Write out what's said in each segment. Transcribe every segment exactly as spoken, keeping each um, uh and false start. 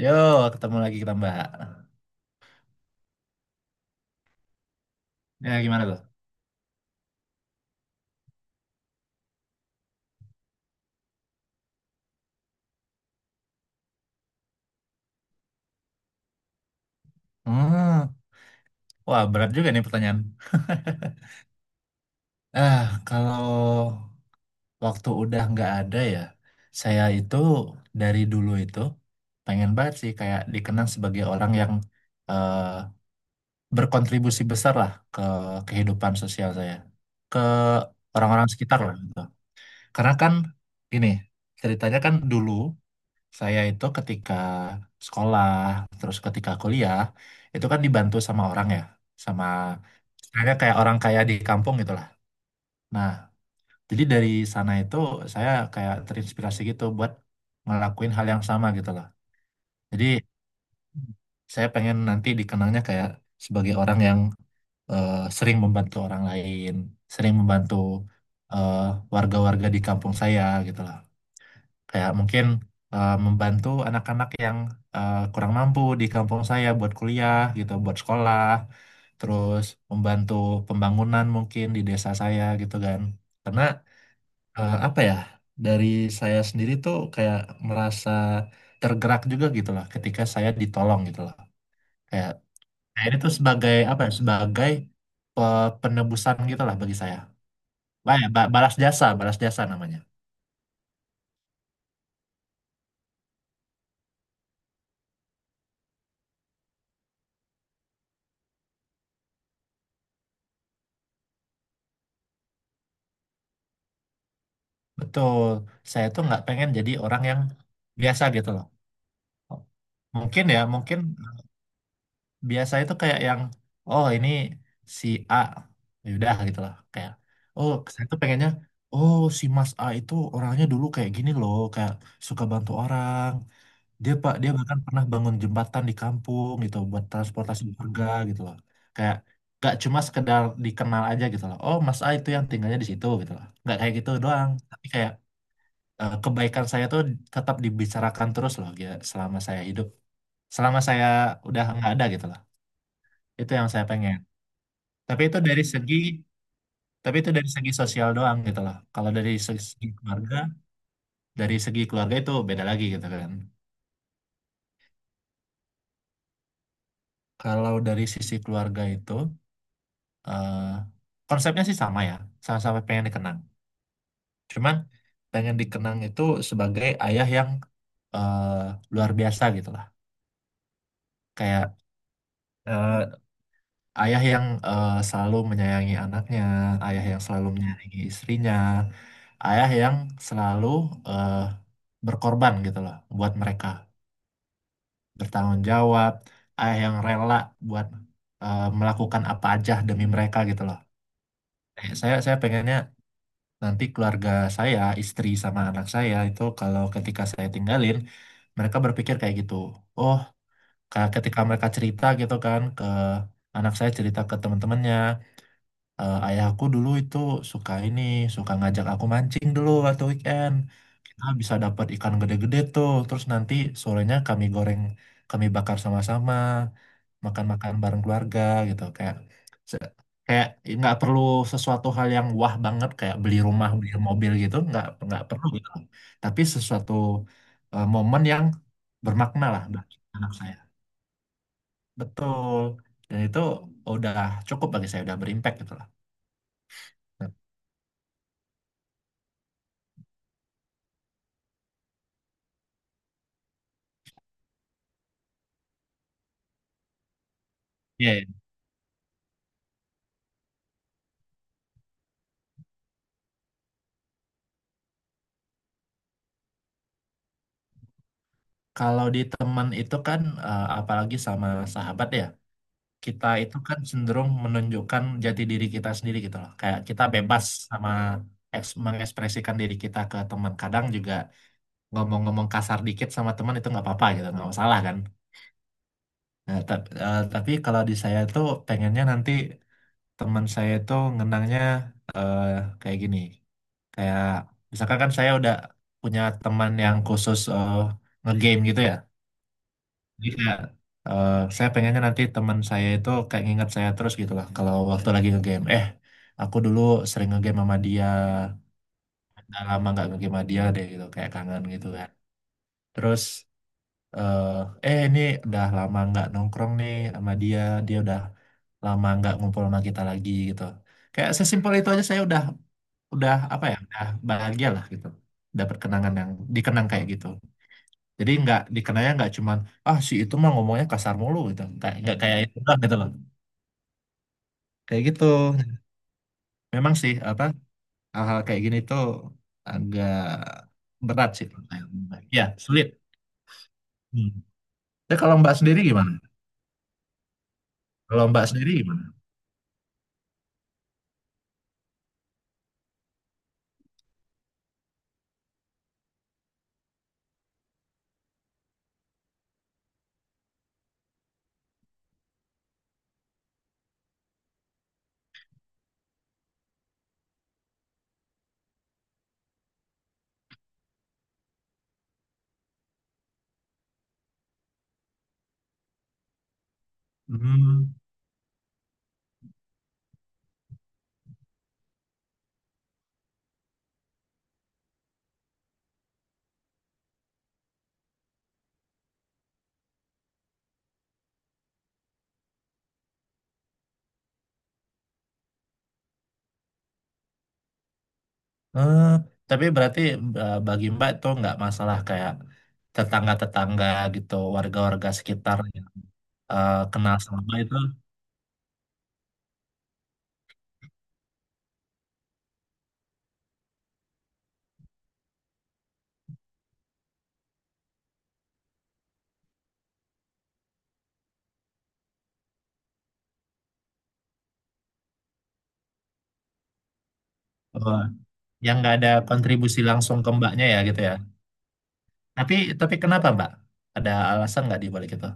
Yo, ketemu lagi kita Mbak. Ya, gimana tuh? Hmm, Wah berat juga nih pertanyaan. Ah, kalau waktu udah nggak ada ya, saya itu dari dulu itu pengen banget sih kayak dikenang sebagai orang yang eh, berkontribusi besar lah ke kehidupan sosial saya, ke orang-orang sekitar lah gitu. Karena kan gini, ceritanya kan dulu saya itu ketika sekolah, terus ketika kuliah, itu kan dibantu sama orang ya, sama saya kayak orang kaya di kampung gitu lah. Nah, jadi dari sana itu saya kayak terinspirasi gitu buat ngelakuin hal yang sama gitu loh. Jadi saya pengen nanti dikenangnya kayak sebagai orang yang eh, sering membantu orang lain, sering membantu eh, warga-warga di kampung saya gitu lah. Kayak mungkin eh, membantu anak-anak yang eh, kurang mampu di kampung saya buat kuliah gitu, buat sekolah, terus membantu pembangunan mungkin di desa saya gitu kan. Karena eh, apa ya, dari saya sendiri tuh kayak merasa tergerak juga gitu lah ketika saya ditolong gitu lah. Kayak kayak ini tuh sebagai apa ya, sebagai pe- penebusan gitu lah bagi saya. Wah, ya, ba- balas jasa, balas jasa namanya. Betul, saya tuh nggak pengen jadi orang yang biasa gitu loh. Mungkin ya, mungkin biasa itu kayak yang, oh ini si A, ya udah gitu loh. Kayak, oh saya tuh pengennya, oh si Mas A itu orangnya dulu kayak gini loh, kayak suka bantu orang. Dia pak, dia bahkan pernah bangun jembatan di kampung gitu buat transportasi warga gitu loh. Kayak gak cuma sekedar dikenal aja gitu loh. Oh, Mas A itu yang tinggalnya di situ gitu loh. Nggak kayak gitu doang, tapi kayak eh, kebaikan saya tuh tetap dibicarakan terus loh gitu, selama saya hidup, selama saya udah nggak ada gitu loh. Itu yang saya pengen. tapi itu dari segi tapi itu dari segi sosial doang gitu loh. Kalau dari segi segi keluarga, dari segi keluarga itu beda lagi gitu kan. Kalau dari sisi keluarga itu eh, konsepnya sih sama ya, sama-sama pengen dikenang, cuman pengen dikenang itu sebagai ayah yang eh, luar biasa gitu lah. Kayak eh, ayah yang eh, selalu menyayangi anaknya, ayah yang selalu menyayangi istrinya, ayah yang selalu eh, berkorban gitu loh buat mereka, bertanggung jawab, ayah yang rela buat eh, melakukan apa aja demi mereka gitu loh. Eh, Saya saya pengennya nanti keluarga saya, istri sama anak saya itu kalau ketika saya tinggalin, mereka berpikir kayak gitu. Oh, kayak ketika mereka cerita gitu kan, ke anak saya cerita ke teman-temannya, Eh, ayahku dulu itu suka ini, suka ngajak aku mancing dulu waktu weekend. Kita bisa dapat ikan gede-gede tuh. Terus nanti sorenya kami goreng, kami bakar sama-sama, makan-makan bareng keluarga gitu. Kayak se- kayak nggak perlu sesuatu hal yang wah banget kayak beli rumah, beli mobil gitu. Nggak nggak perlu gitu. Tapi sesuatu eh, momen yang bermakna lah bagi anak saya. Betul. Dan itu udah cukup bagi saya, udah berimpact gitu lah. Iya. Kalau di teman itu kan, eh, apalagi sama sahabat ya, kita itu kan cenderung menunjukkan jati diri kita sendiri gitu loh. Kayak kita bebas sama eks- mengekspresikan diri kita ke teman. Kadang juga ngomong-ngomong kasar dikit sama teman itu nggak apa-apa gitu, nggak masalah kan. Nah, tap- eh, tapi kalau di saya tuh pengennya nanti teman saya itu ngenangnya eh, kayak gini. Kayak misalkan kan saya udah punya teman yang khusus eh, ngegame gitu ya. Jadi kayak, eh, saya pengennya nanti teman saya itu kayak nginget saya terus gitu lah. Kalau waktu lagi ngegame, eh aku dulu sering ngegame sama dia, udah lama nggak ngegame sama dia deh gitu, kayak kangen gitu kan. Terus eh eh ini udah lama nggak nongkrong nih sama dia, dia udah lama nggak ngumpul sama kita lagi gitu. Kayak sesimpel itu aja saya udah udah apa ya, udah bahagia lah gitu. Dapat kenangan yang dikenang kayak gitu. Jadi nggak dikenanya nggak cuman, ah si itu mah ngomongnya kasar mulu gitu. Kayak nggak kayak itu lah gitu loh. Kayak gitu. Memang sih apa hal-hal kayak gini tuh agak berat sih. pertanyaan Mbak. Ya sulit. Hmm. Tapi kalau Mbak sendiri gimana? Kalau Mbak sendiri gimana? Hmm. eh, tapi berarti eh, bagi Mbak itu nggak masalah kayak tetangga-tetangga gitu, warga-warga sekitar yang eh, kenal sama Mbak itu, eh, yang nggak ada kontribusi langsung ke Mbaknya ya gitu ya. Tapi tapi kenapa, Mbak? Ada alasan nggak di balik itu?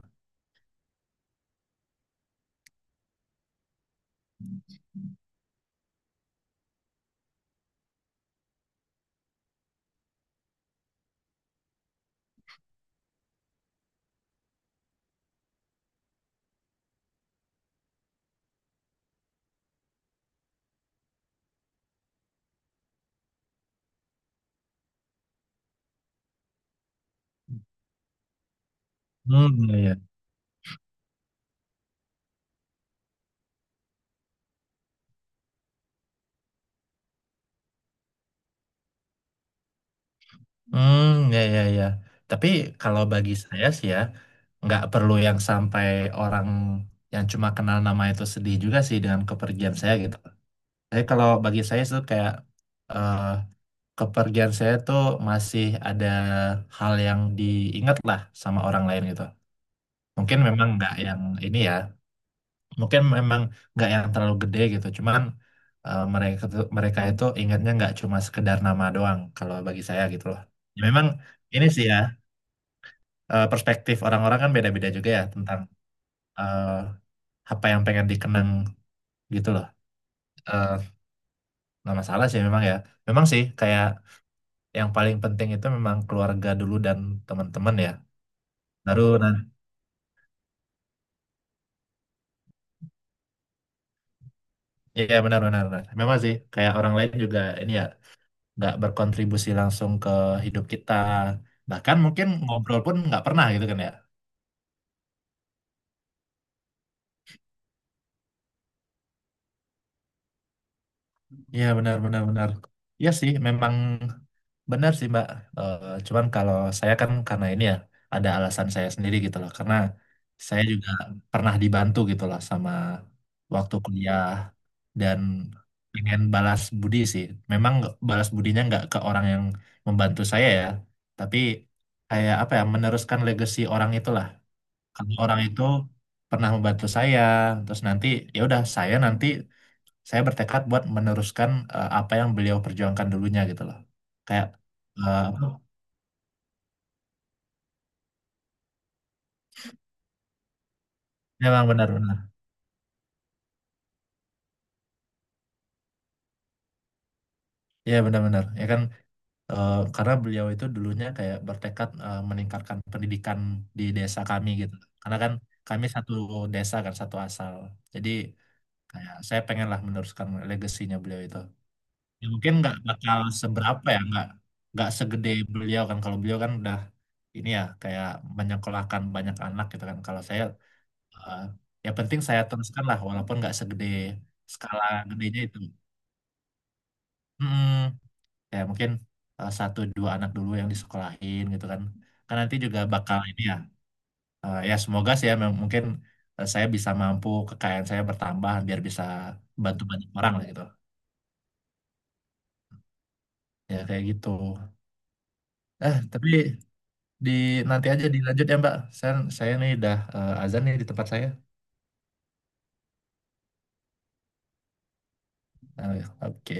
Hmm, ya, ya. Hmm, ya, ya, ya. Tapi kalau bagi saya sih ya, nggak perlu yang sampai orang yang cuma kenal nama itu sedih juga sih dengan kepergian saya gitu. Tapi kalau bagi saya itu kayak eh, kepergian saya tuh masih ada hal yang diingat lah sama orang lain gitu. Mungkin memang nggak yang ini ya. Mungkin memang nggak yang terlalu gede gitu, cuman eh, mereka tuh- mereka itu ingatnya nggak cuma sekedar nama doang kalau bagi saya gitu loh. Ya, memang ini sih ya, eh, perspektif orang-orang kan beda-beda juga ya tentang eh, apa yang pengen dikenang gitu loh. Eh nggak masalah sih memang ya, memang sih kayak yang paling penting itu memang keluarga dulu dan teman-teman ya, baru nanti ya benar-benar memang sih kayak orang lain juga ini ya nggak berkontribusi langsung ke hidup kita, bahkan mungkin ngobrol pun nggak pernah gitu kan ya. Iya benar benar benar. Iya sih memang benar sih Mbak. Eh, Cuman kalau saya kan karena ini ya, ada alasan saya sendiri gitu loh, karena saya juga pernah dibantu gitu loh sama waktu kuliah, dan pengen balas budi sih, memang nggak- balas budinya nggak ke orang yang membantu saya ya, tapi kayak apa ya meneruskan legacy orang itulah. Karena orang itu pernah membantu saya, terus nanti ya udah saya nanti saya bertekad buat meneruskan eh, apa yang beliau perjuangkan dulunya gitu loh. Kayak eh, apa, memang benar-benar, ya benar-benar ya kan, eh, karena beliau itu dulunya kayak bertekad eh, meningkatkan pendidikan di desa kami gitu. Karena kan kami satu desa kan satu asal, jadi kayak saya pengenlah meneruskan legasinya beliau itu. Ya mungkin nggak bakal seberapa ya, nggak nggak segede beliau kan. Kalau beliau kan udah ini ya, kayak menyekolahkan banyak anak gitu kan. Kalau saya eh, ya penting saya teruskan lah walaupun nggak segede skala gedenya itu. hmm, Ya mungkin eh, satu dua anak dulu yang disekolahin gitu kan, kan nanti juga bakal ini ya, eh, ya semoga sih ya mem- mungkin eh, saya bisa mampu, kekayaan saya bertambah biar bisa bantu banyak orang lah gitu. Ya kayak gitu. Eh tapi Di Nanti aja dilanjut ya Mbak. Saya saya nih dah eh, azan nih di tempat saya. Nah, oke.